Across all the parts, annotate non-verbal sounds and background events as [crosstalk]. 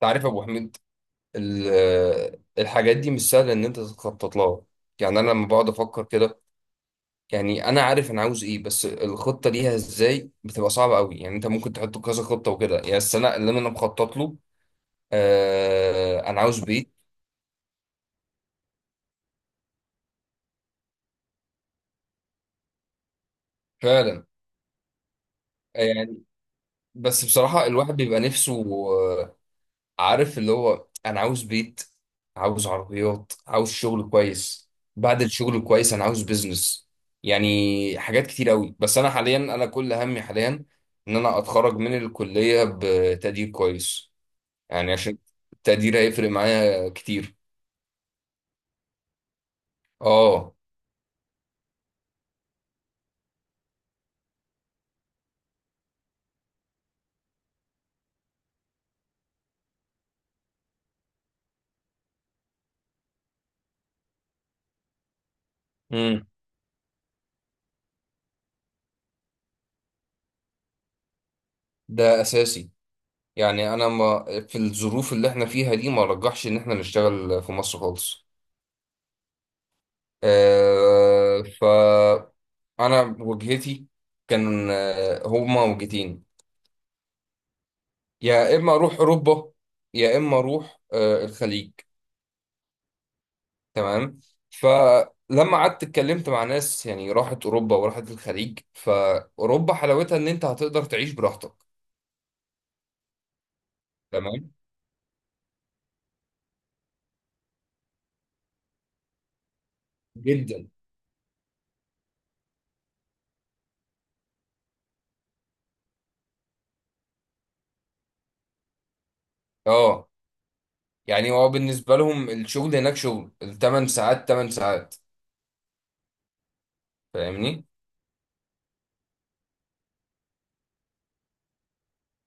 تعرف يا ابو حميد. ال- الحاجات دي مش سهله ان انت تخطط لها. يعني انا لما بقعد افكر كده، يعني انا عارف انا عاوز ايه، بس الخطه ليها ازاي بتبقى صعبه قوي. يعني انت ممكن تحط كذا خطه وكده. يعني بس انا اللي انا مخطط له، انا عاوز بيت فعلا. يعني بس بصراحه الواحد بيبقى نفسه. آه، عارف اللي هو انا عاوز بيت، عاوز عربيات، عاوز شغل كويس. بعد الشغل الكويس انا عاوز بيزنس. يعني حاجات كتير قوي. بس انا حاليا، انا كل همي حاليا ان انا اتخرج من الكلية بتقدير كويس، يعني عشان التقدير هيفرق معايا كتير. اه. امم. ده اساسي. يعني انا، ما في الظروف اللي احنا فيها دي، ما رجحش ان احنا نشتغل في مصر خالص. آه، ف انا وجهتي كان هما وجهتين: يا اما اروح اوروبا، يا اما اروح الخليج. تمام. فلما قعدت اتكلمت مع ناس يعني راحت اوروبا وراحت الخليج، فاوروبا حلاوتها ان انت هتقدر تعيش براحتك. تمام، جدا. اه. يعني هو بالنسبه لهم الشغل هناك شغل الثمان ساعات، 8 ساعات. فاهمني.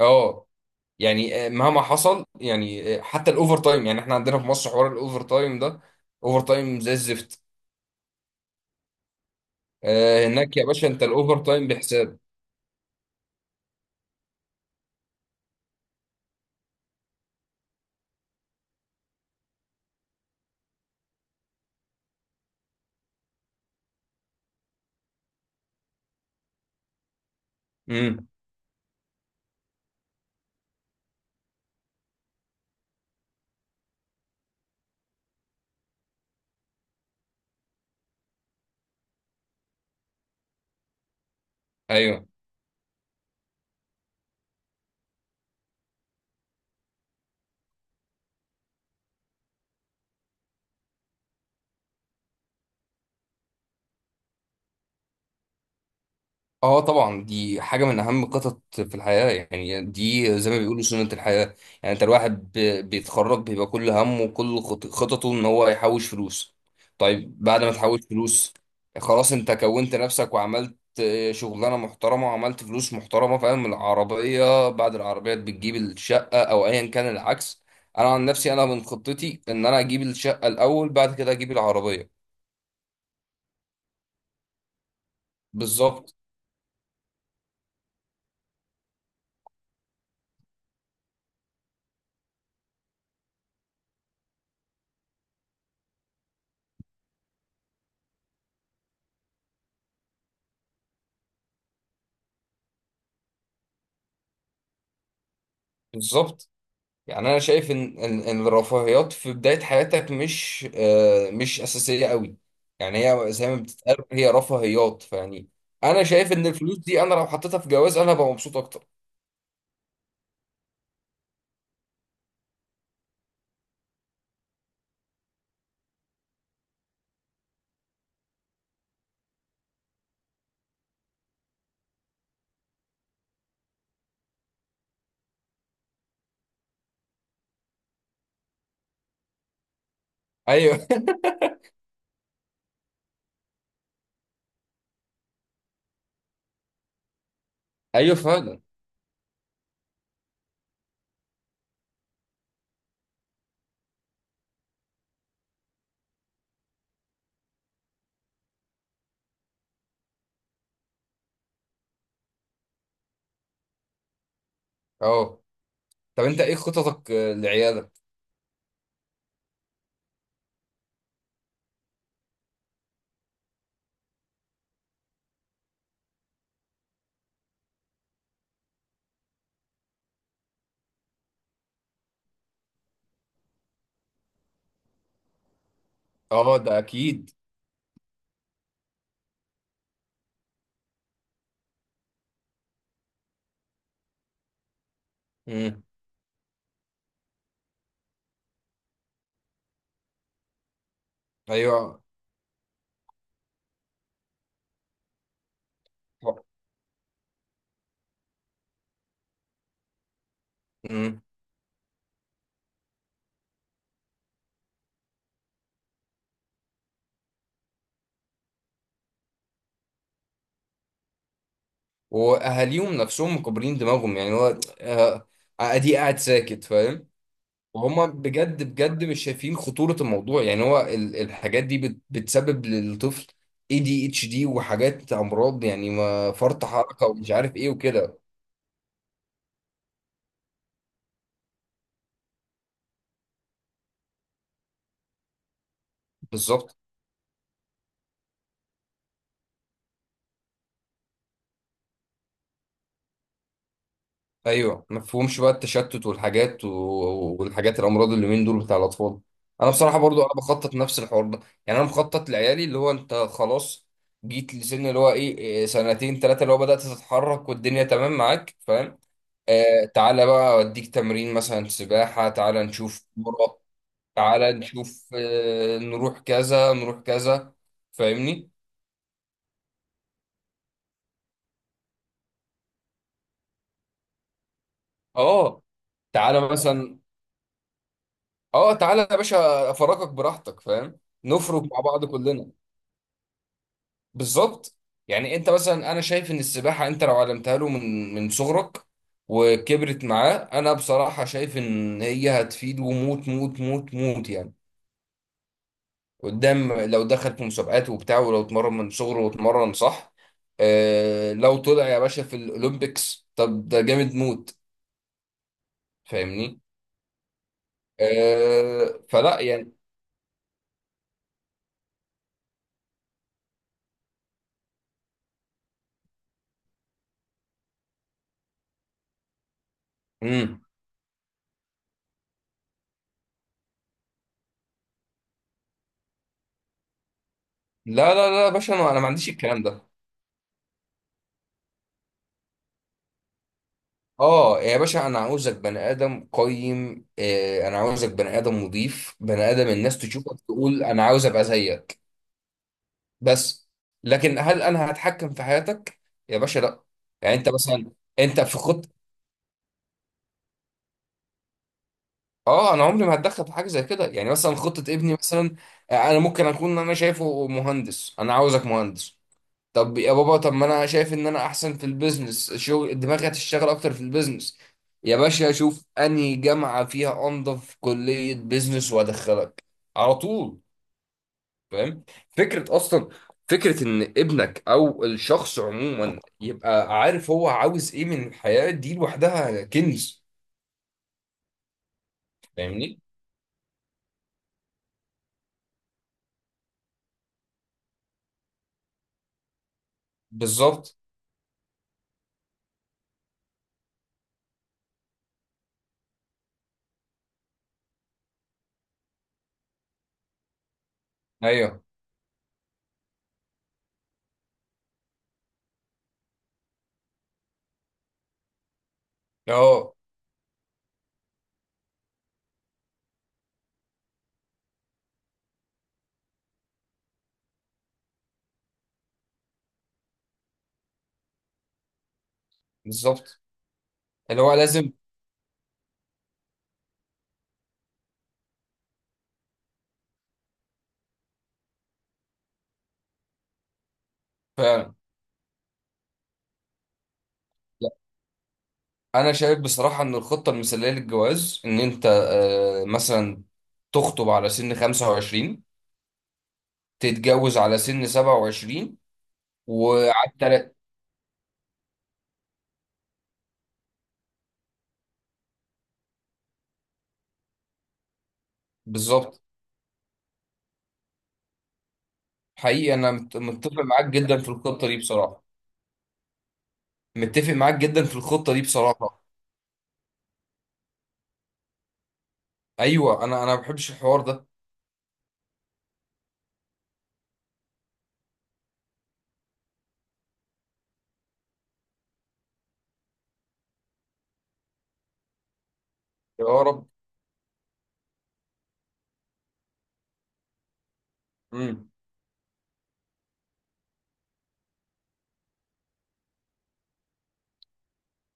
اه. يعني مهما حصل، يعني حتى الاوفر تايم. يعني احنا عندنا في مصر حوار الاوفر تايم ده، اوفر تايم زي الزفت. هناك يا باشا انت الاوفر تايم بحساب. امم. ايوه. اه طبعا دي حاجة من أهم القطط في الحياة. يعني دي زي ما بيقولوا سنة الحياة. يعني أنت الواحد بيتخرج بيبقى كل همه وكل خططه إن هو يحوش فلوس. طيب، بعد ما تحوش فلوس؟ خلاص أنت كونت نفسك وعملت شغلانة محترمة وعملت فلوس محترمة. فاهم؟ العربية، بعد العربية بتجيب الشقة، أو أيا كان العكس. أنا عن نفسي، أنا من خطتي إن أنا أجيب الشقة الأول، بعد كده أجيب العربية. بالظبط. بالظبط. يعني انا شايف ان ان إن الرفاهيات في بدايه حياتك مش اساسيه قوي. يعني هي زي ما بتتقال هي رفاهيات، فيعني انا شايف ان الفلوس دي انا لو حطيتها في جواز انا هبقى مبسوط اكتر. ايوه. [laughs] ايوه فعلا. اه، طب انت ايه خططك لعيالك؟ اه ده اكيد. امم. ايوه. امم. واهاليهم نفسهم مكبرين دماغهم. يعني هو ادي قاعد ساكت، فاهم؟ وهم بجد بجد مش شايفين خطورة الموضوع. يعني هو الحاجات دي بتسبب للطفل ADHD، وحاجات امراض يعني، ما فرط حركة ومش عارف ايه وكده. بالظبط. ايوه، ما تفهمش بقى التشتت والحاجات والحاجات الامراض اللي من دول بتاع الاطفال. انا بصراحة برضو انا بخطط نفس الحوار ده. يعني انا مخطط لعيالي اللي هو انت خلاص جيت لسن اللي هو ايه، إيه، سنتين ثلاثة اللي هو بدأت تتحرك والدنيا تمام معاك، فاهم؟ آه تعالى بقى أوديك تمرين مثلا سباحة، تعالى نشوف كورة، تعالى نشوف، آه نروح كذا، نروح كذا. فاهمني؟ اه، تعالى مثلا، اه تعالى يا باشا أفرجك براحتك، فاهم؟ نفرج مع بعض كلنا. بالظبط. يعني أنت مثلا، أنا شايف إن السباحة أنت لو علمتها له من من صغرك وكبرت معاه، أنا بصراحة شايف إن هي هتفيده موت موت موت موت يعني. قدام لو دخل في مسابقات وبتاع، ولو اتمرن من صغره واتمرن صح، آه لو طلع يا باشا في الاولمبيكس طب ده جامد موت. فاهمني. فلا يعني. مم. لا لا لا يا باشا، انا ما عنديش الكلام ده. اه يا باشا انا عاوزك بني ادم قيم، انا عاوزك بني ادم مضيف بني ادم، الناس تشوفك تقول انا عاوز ابقى زيك. بس لكن هل انا هتحكم في حياتك؟ يا باشا لا. يعني انت مثلا، انت في خطة. اه انا عمري ما هتدخل في حاجه زي كده. يعني مثلا خطه ابني مثلا، انا ممكن اكون انا شايفه مهندس، انا عاوزك مهندس. طب يا بابا، طب ما انا شايف ان انا احسن في البيزنس، شغل دماغي هتشتغل اكتر في البيزنس. يا باشا اشوف انهي جامعه فيها انظف كليه بيزنس وادخلك على طول. فاهم؟ فكره. اصلا فكره ان ابنك او الشخص عموما يبقى عارف هو عاوز ايه من الحياه دي، لوحدها كنز. فاهمني؟ بالظبط. ايوه. اه بالظبط اللي هو لازم فعلا. لا، انا شايف بصراحه ان الخطه المثاليه للجواز ان انت، مثلا تخطب على سن 25، تتجوز على سن 27، وعلى تلات. بالظبط. حقيقي انا متفق معاك جدا في الخطه دي بصراحه. متفق معاك جدا في الخطه دي بصراحه. ايوه انا ما بحبش الحوار ده. يا رب. امم.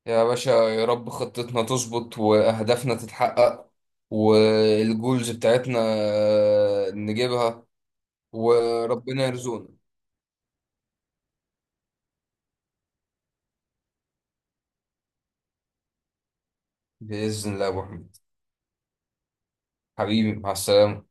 يا باشا يا رب خطتنا تظبط، واهدافنا تتحقق، والجولز بتاعتنا نجيبها. وربنا يرزقنا. بإذن الله يا أبو حميد، حبيبي، مع السلامة.